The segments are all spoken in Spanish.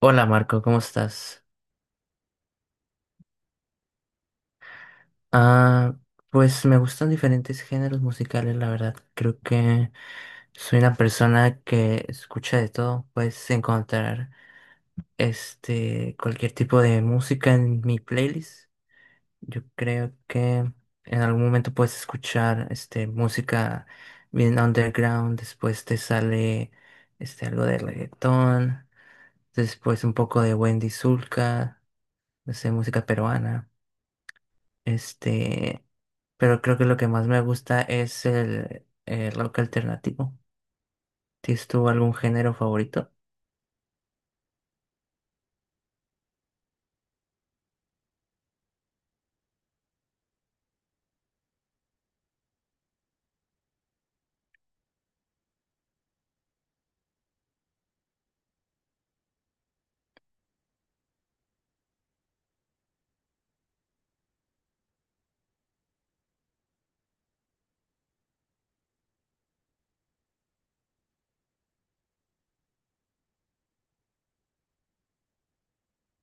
Hola Marco, ¿cómo estás? Ah, pues me gustan diferentes géneros musicales, la verdad. Creo que soy una persona que escucha de todo. Puedes encontrar cualquier tipo de música en mi playlist. Yo creo que en algún momento puedes escuchar música bien underground, después te sale algo de reggaetón, después un poco de Wendy Zulka, no sé, música peruana. Este, pero creo que lo que más me gusta es el rock alternativo. ¿Tienes tú algún género favorito?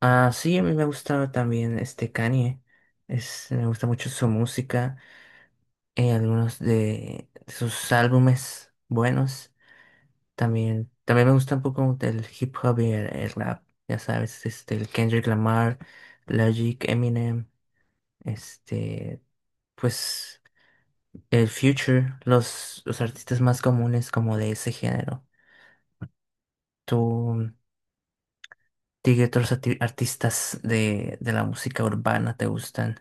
Ah, sí, a mí me gusta también este Kanye. Me gusta mucho su música. Algunos de sus álbumes buenos. También me gusta un poco el hip hop y el rap, ya sabes, este, el Kendrick Lamar, Logic, Eminem, este, pues el Future, los artistas más comunes como de ese género. ¿Tú, Qué otros artistas de la música urbana te gustan?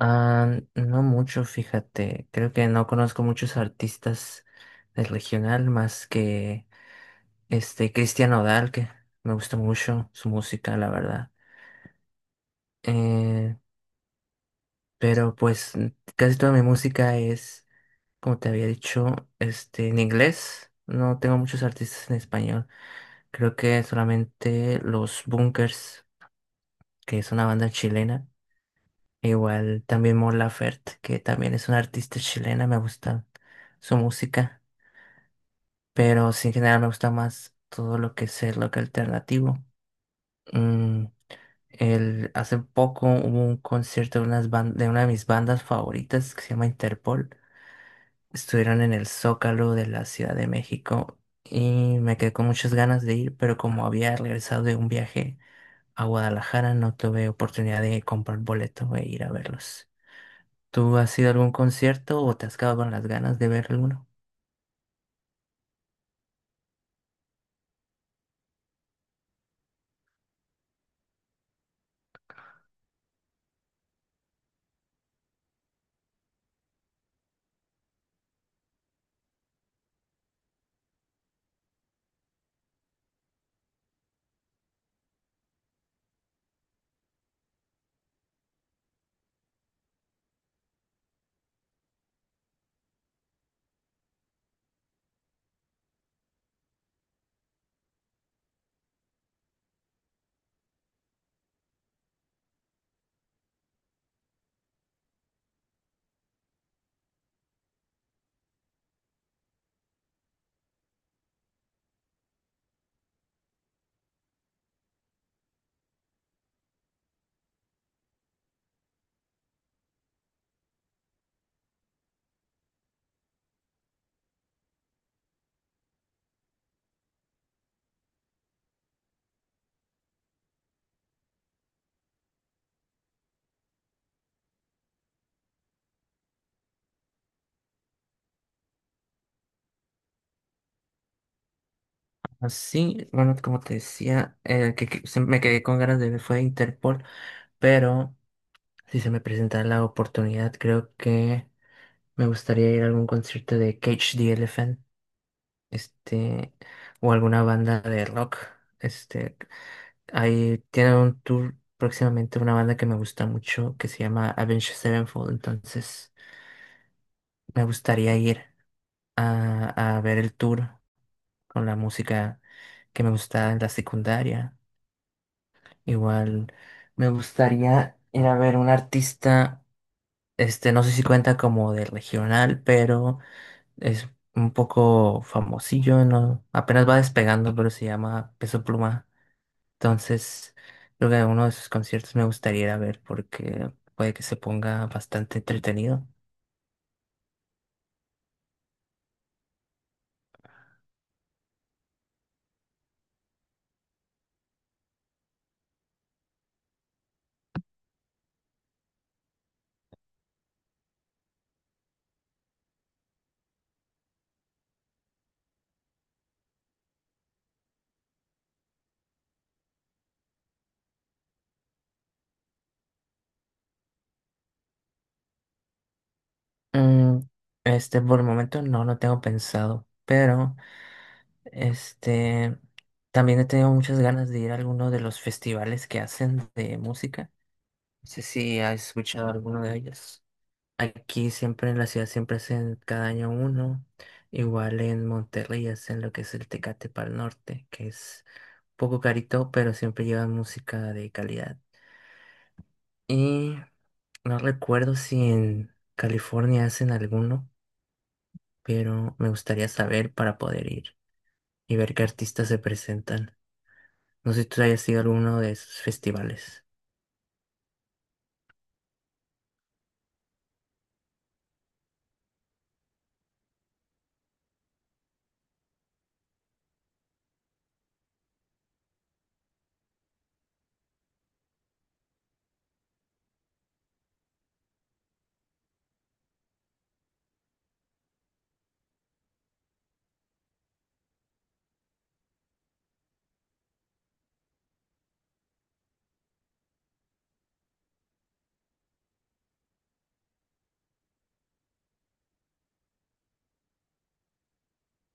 Ah, no mucho, fíjate. Creo que no conozco muchos artistas del regional más que Cristian Nodal, que me gusta mucho su música, la verdad. Eh, pero pues casi toda mi música es, como te había dicho, este, en inglés. No tengo muchos artistas en español. Creo que solamente los Bunkers, que es una banda chilena. E igual también Mon Laferte, que también es una artista chilena, me gusta su música. Pero sí, en general me gusta más todo lo que es el rock alternativo. Mm, Hace poco hubo un concierto de una de mis bandas favoritas que se llama Interpol. Estuvieron en el Zócalo de la Ciudad de México y me quedé con muchas ganas de ir, pero como había regresado de un viaje a Guadalajara, no tuve oportunidad de comprar boleto e ir a verlos. ¿Tú has ido a algún concierto o te has quedado con las ganas de ver alguno? Ah, sí, bueno, como te decía, el que se- me quedé con ganas de ver fue Interpol, pero si se me presenta la oportunidad, creo que me gustaría ir a algún concierto de Cage the Elephant, este, o alguna banda de rock. Este, Ahí tiene un tour próximamente una banda que me gusta mucho que se llama Avenged Sevenfold, entonces me gustaría ir a ver el tour con la música que me gustaba en la secundaria. Igual me gustaría ir a ver un artista. No sé si cuenta como de regional, pero es un poco famosillo, ¿no? Apenas va despegando, pero se llama Peso Pluma. Entonces, creo que uno de sus conciertos me gustaría ir a ver porque puede que se ponga bastante entretenido. Mm, por el momento no lo tengo pensado, pero este, también he tenido muchas ganas de ir a alguno de los festivales que hacen de música. No sé si has escuchado alguno de ellos. Aquí siempre en la ciudad siempre hacen cada año uno. Igual en Monterrey hacen lo que es el Tecate para el Norte, que es poco carito, pero siempre llevan música de calidad. Y no recuerdo si en California hacen alguno, pero me gustaría saber para poder ir y ver qué artistas se presentan. No sé si tú hayas ido a alguno de esos festivales.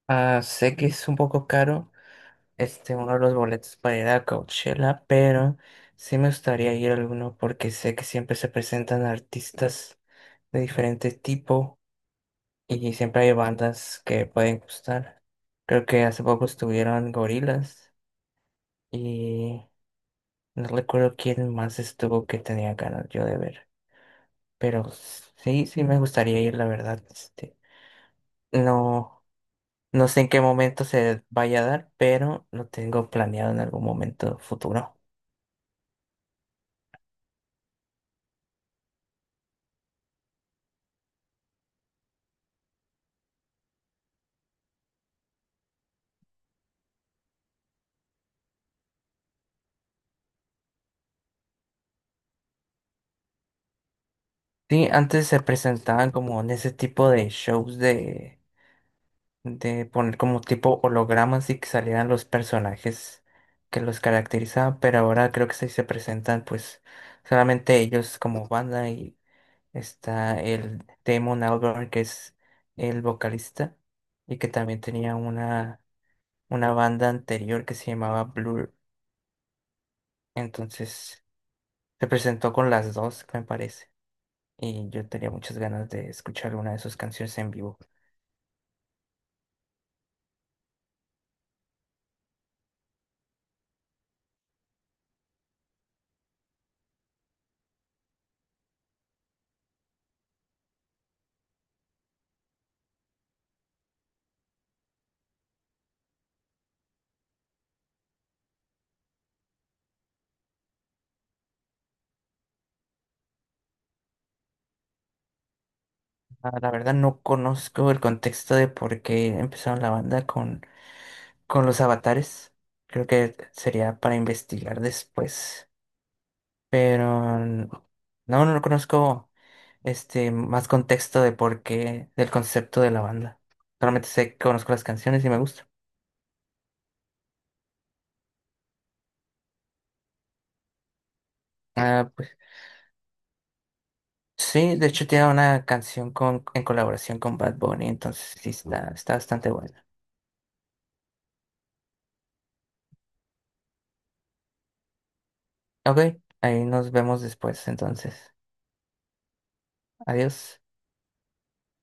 Ah, sé que es un poco caro, este, uno de los boletos para ir a Coachella, pero sí me gustaría ir a alguno porque sé que siempre se presentan artistas de diferente tipo y siempre hay bandas que pueden gustar. Creo que hace poco estuvieron Gorilas y no recuerdo quién más estuvo que tenía ganas yo de ver, pero sí, sí me gustaría ir, la verdad, no. No sé en qué momento se vaya a dar, pero lo tengo planeado en algún momento futuro. Sí, antes se presentaban como en ese tipo de shows de poner como tipo hologramas y que salieran los personajes que los caracterizaban, pero ahora creo que sí se presentan pues solamente ellos como banda y está el Damon Albarn, que es el vocalista y que también tenía una banda anterior que se llamaba Blur, entonces se presentó con las dos me parece. Y yo tenía muchas ganas de escuchar alguna de sus canciones en vivo. Ah, la verdad no conozco el contexto de por qué empezaron la banda con los avatares, creo que sería para investigar después. Pero no conozco más contexto de por qué, del concepto de la banda. Solamente sé que conozco las canciones y me gusta. Ah, pues sí, de hecho tiene una canción con, en colaboración con Bad Bunny, entonces sí está, está bastante buena. Ok, ahí nos vemos después entonces. Adiós.